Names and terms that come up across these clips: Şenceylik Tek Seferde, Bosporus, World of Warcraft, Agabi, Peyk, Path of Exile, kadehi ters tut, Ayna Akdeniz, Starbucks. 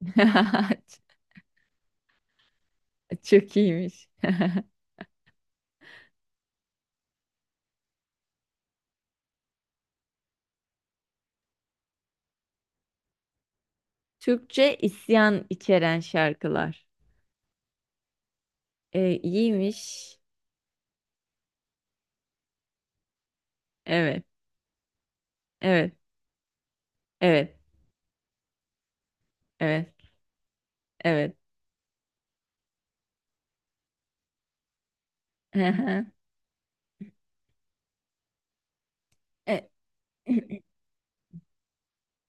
Çok iyiymiş. Türkçe isyan içeren şarkılar. E, iyiymiş. Evet, evet, evet, evet, evet. Hı hı. E,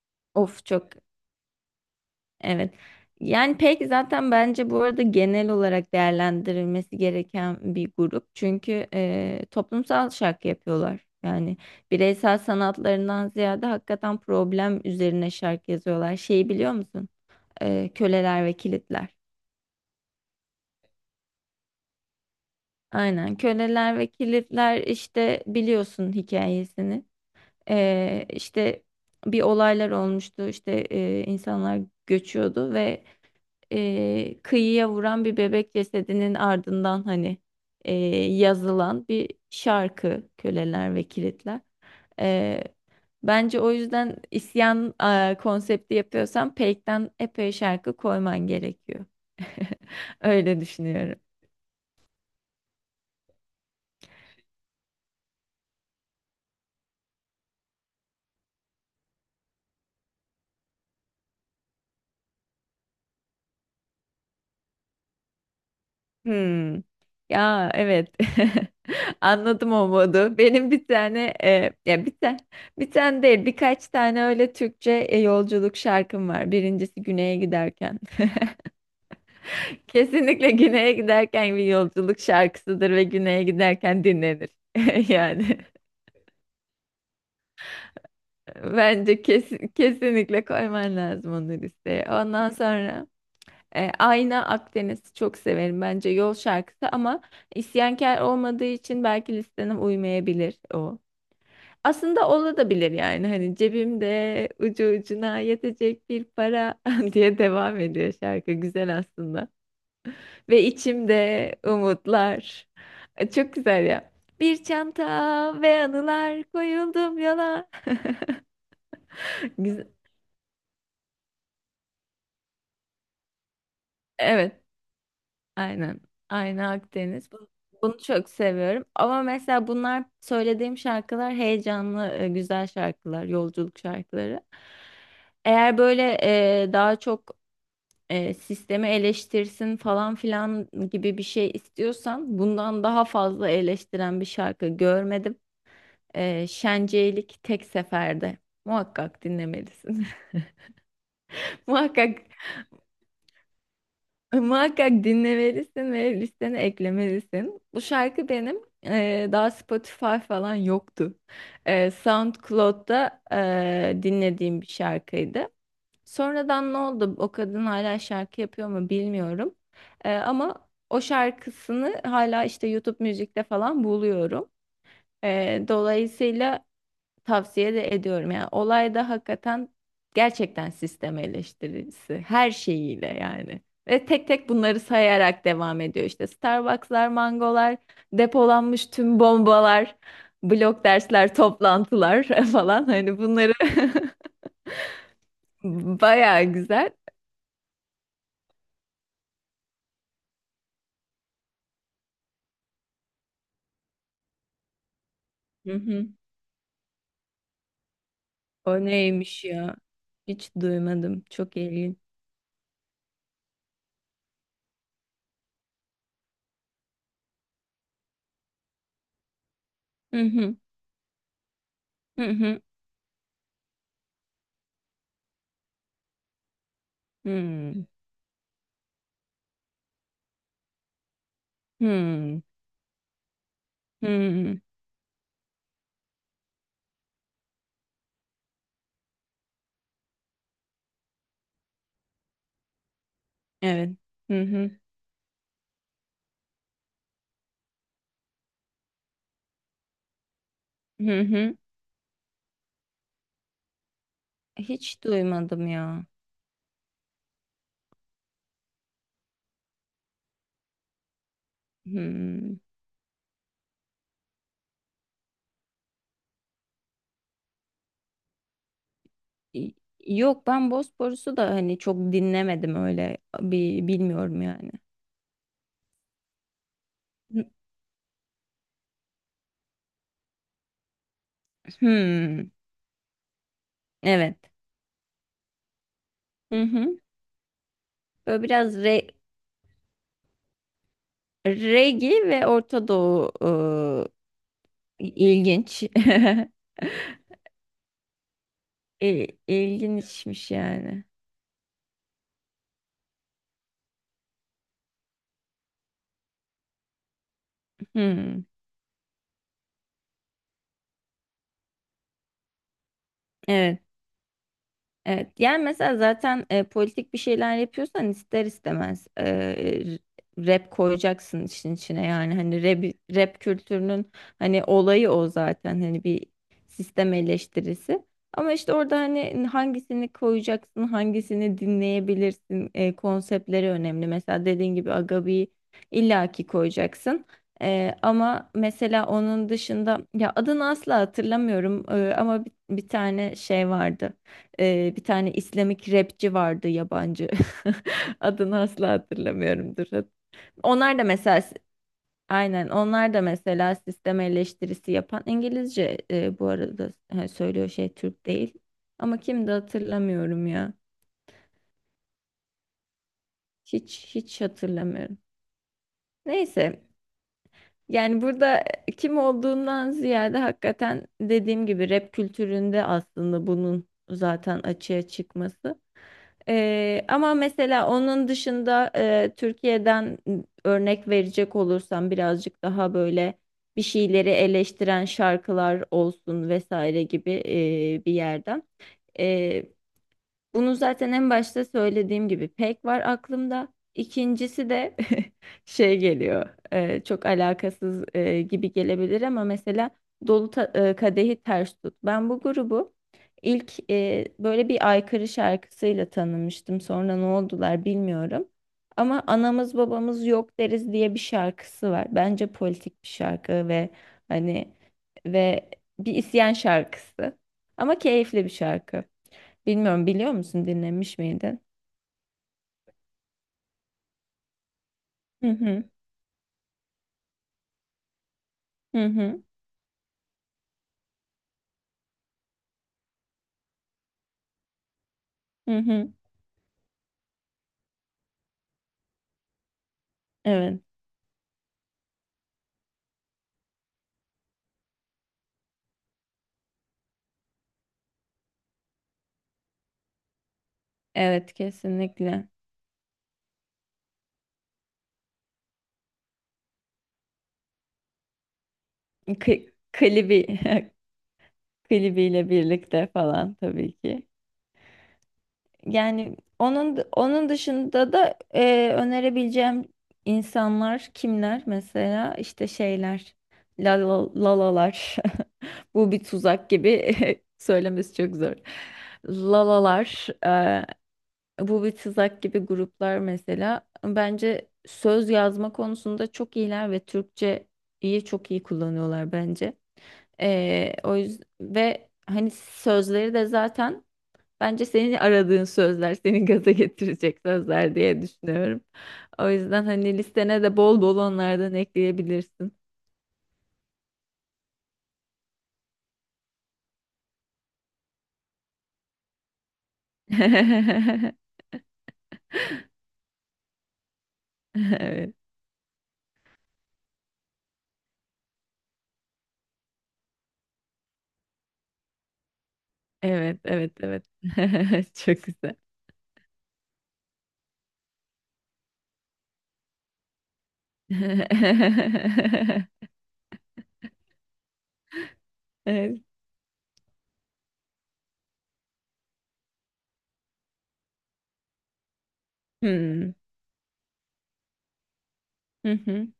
Of, çok evet. Yani pek zaten bence bu arada genel olarak değerlendirilmesi gereken bir grup. Çünkü toplumsal şarkı yapıyorlar. Yani bireysel sanatlarından ziyade hakikaten problem üzerine şarkı yazıyorlar. Şeyi biliyor musun? Köleler ve kilitler. Aynen köleler ve kilitler işte biliyorsun hikayesini. İşte bir olaylar olmuştu işte insanlar göçüyordu ve kıyıya vuran bir bebek cesedinin ardından hani e, yazılan bir şarkı köleler ve kilitler. Ee, bence o yüzden isyan konsepti yapıyorsan Peyk'ten epey şarkı koyman gerekiyor. Öyle düşünüyorum. Hmm. Ya, evet. Anladım o modu. Benim bir tane, ya bir tane değil birkaç tane öyle Türkçe yolculuk şarkım var. Birincisi güneye giderken. Kesinlikle güneye giderken bir yolculuk şarkısıdır ve güneye giderken dinlenir. Yani. Bence kesinlikle koyman lazım onu listeye. Ondan sonra Ayna Akdeniz'i çok severim. Bence yol şarkısı ama isyankar olmadığı için belki listene uymayabilir o. Aslında olabilir yani, hani cebimde ucu ucuna yetecek bir para diye devam ediyor, şarkı güzel aslında. Ve içimde umutlar. Çok güzel ya. Bir çanta ve anılar, koyuldum yola. Güzel. Evet. Aynen. Aynen Akdeniz. Bunu çok seviyorum. Ama mesela bunlar söylediğim şarkılar heyecanlı, güzel şarkılar, yolculuk şarkıları. Eğer böyle daha çok sistemi eleştirsin falan filan gibi bir şey istiyorsan, bundan daha fazla eleştiren bir şarkı görmedim. Şenceylik Tek Seferde. Muhakkak dinlemelisin. Muhakkak Muhakkak dinlemelisin ve listene eklemelisin. Bu şarkı benim daha Spotify falan yoktu. SoundCloud'da dinlediğim bir şarkıydı. Sonradan ne oldu? O kadın hala şarkı yapıyor mu bilmiyorum. Ama o şarkısını hala işte YouTube müzikte falan buluyorum. Dolayısıyla tavsiye de ediyorum. Yani olayda hakikaten gerçekten sistem eleştirisi her şeyiyle yani. Ve tek tek bunları sayarak devam ediyor. İşte Starbucks'lar, mangolar, depolanmış tüm bombalar, blok dersler, toplantılar falan. Hani bunları bayağı güzel. Hı hı. O neymiş ya? Hiç duymadım. Çok ilginç. Hı hı. Hı hı. Hı hı. Hı. Evet. Hı hı. Hı hı. Hiç duymadım ya. Hmm. Y- Yok, ben Bosporus'u da hani çok dinlemedim, öyle bir bilmiyorum yani. Hı- Hmm. Evet. Hı hı. Böyle biraz regi ve Orta Doğu, ilginç. İlginçmiş yani. Hmm. Evet. Evet, yani mesela zaten politik bir şeyler yapıyorsan ister istemez rap koyacaksın işin içine, yani hani rap kültürünün hani olayı o zaten, hani bir sistem eleştirisi. Ama işte orada hani hangisini koyacaksın, hangisini dinleyebilirsin, konseptleri önemli. Mesela dediğin gibi Agabi'yi illaki koyacaksın. Ama mesela onun dışında, ya adını asla hatırlamıyorum, ama bir tane şey vardı. Bir tane İslamik rapçi vardı, yabancı. Adını asla hatırlamıyorumdur. Onlar da mesela, aynen onlar da mesela sistem eleştirisi yapan, İngilizce bu arada ha, söylüyor, şey, Türk değil. Ama kim hatırlamıyorum ya. Hiç hiç hatırlamıyorum. Neyse, yani burada kim olduğundan ziyade hakikaten dediğim gibi rap kültüründe aslında bunun zaten açığa çıkması. Ama mesela onun dışında Türkiye'den örnek verecek olursam, birazcık daha böyle bir şeyleri eleştiren şarkılar olsun vesaire gibi bir yerden. Bunu zaten en başta söylediğim gibi pek var aklımda. İkincisi de şey geliyor. Çok alakasız gibi gelebilir, ama mesela dolu kadehi ters tut. Ben bu grubu ilk böyle bir aykırı şarkısıyla tanımıştım. Sonra ne oldular bilmiyorum. Ama anamız babamız yok deriz diye bir şarkısı var. Bence politik bir şarkı ve hani, ve bir isyan şarkısı. Ama keyifli bir şarkı. Bilmiyorum, biliyor musun, dinlemiş miydin? Hı hı, hı hı, hı hı. Evet. Evet, kesinlikle. Klibi klibiyle birlikte falan tabii ki. Yani onun dışında da önerebileceğim insanlar kimler, mesela işte şeyler, lalalar bu bir tuzak gibi söylemesi çok zor, lalalar, Bu bir tuzak gibi gruplar mesela. Bence söz yazma konusunda çok iyiler ve Türkçeyi çok iyi kullanıyorlar bence. O yüzden, ve hani sözleri de zaten bence senin aradığın sözler, seni gaza getirecek sözler diye düşünüyorum. O yüzden hani listene de bol bol onlardan ekleyebilirsin. Evet, evet, evet, evet. Çok güzel. Evet. Hmm.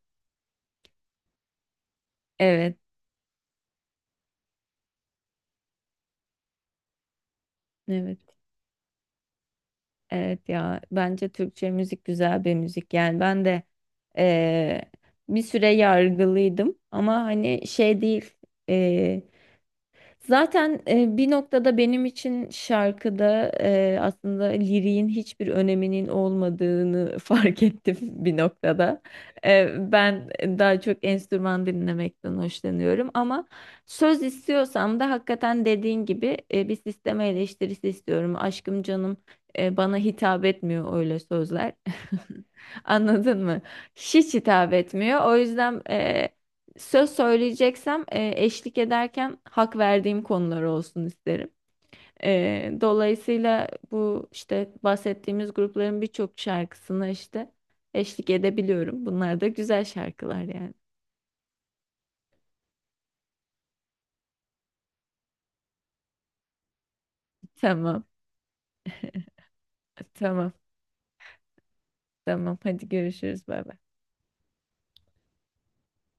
Evet, evet, evet ya, bence Türkçe müzik güzel bir müzik. Yani ben de eee, bir süre yargılıydım, ama hani şey değil. Zaten bir noktada benim için şarkıda aslında liriğin hiçbir öneminin olmadığını fark ettim bir noktada. Ben daha çok enstrüman dinlemekten hoşlanıyorum, ama söz istiyorsam da hakikaten dediğin gibi bir sisteme eleştirisi istiyorum. Aşkım, canım, bana hitap etmiyor öyle sözler. Anladın mı? Hiç hitap etmiyor. O yüzden söz söyleyeceksem eşlik ederken hak verdiğim konular olsun isterim. Dolayısıyla bu işte bahsettiğimiz grupların birçok şarkısına işte eşlik edebiliyorum. Bunlar da güzel şarkılar yani. Tamam, tamam, tamam. Hadi görüşürüz. Bay bay.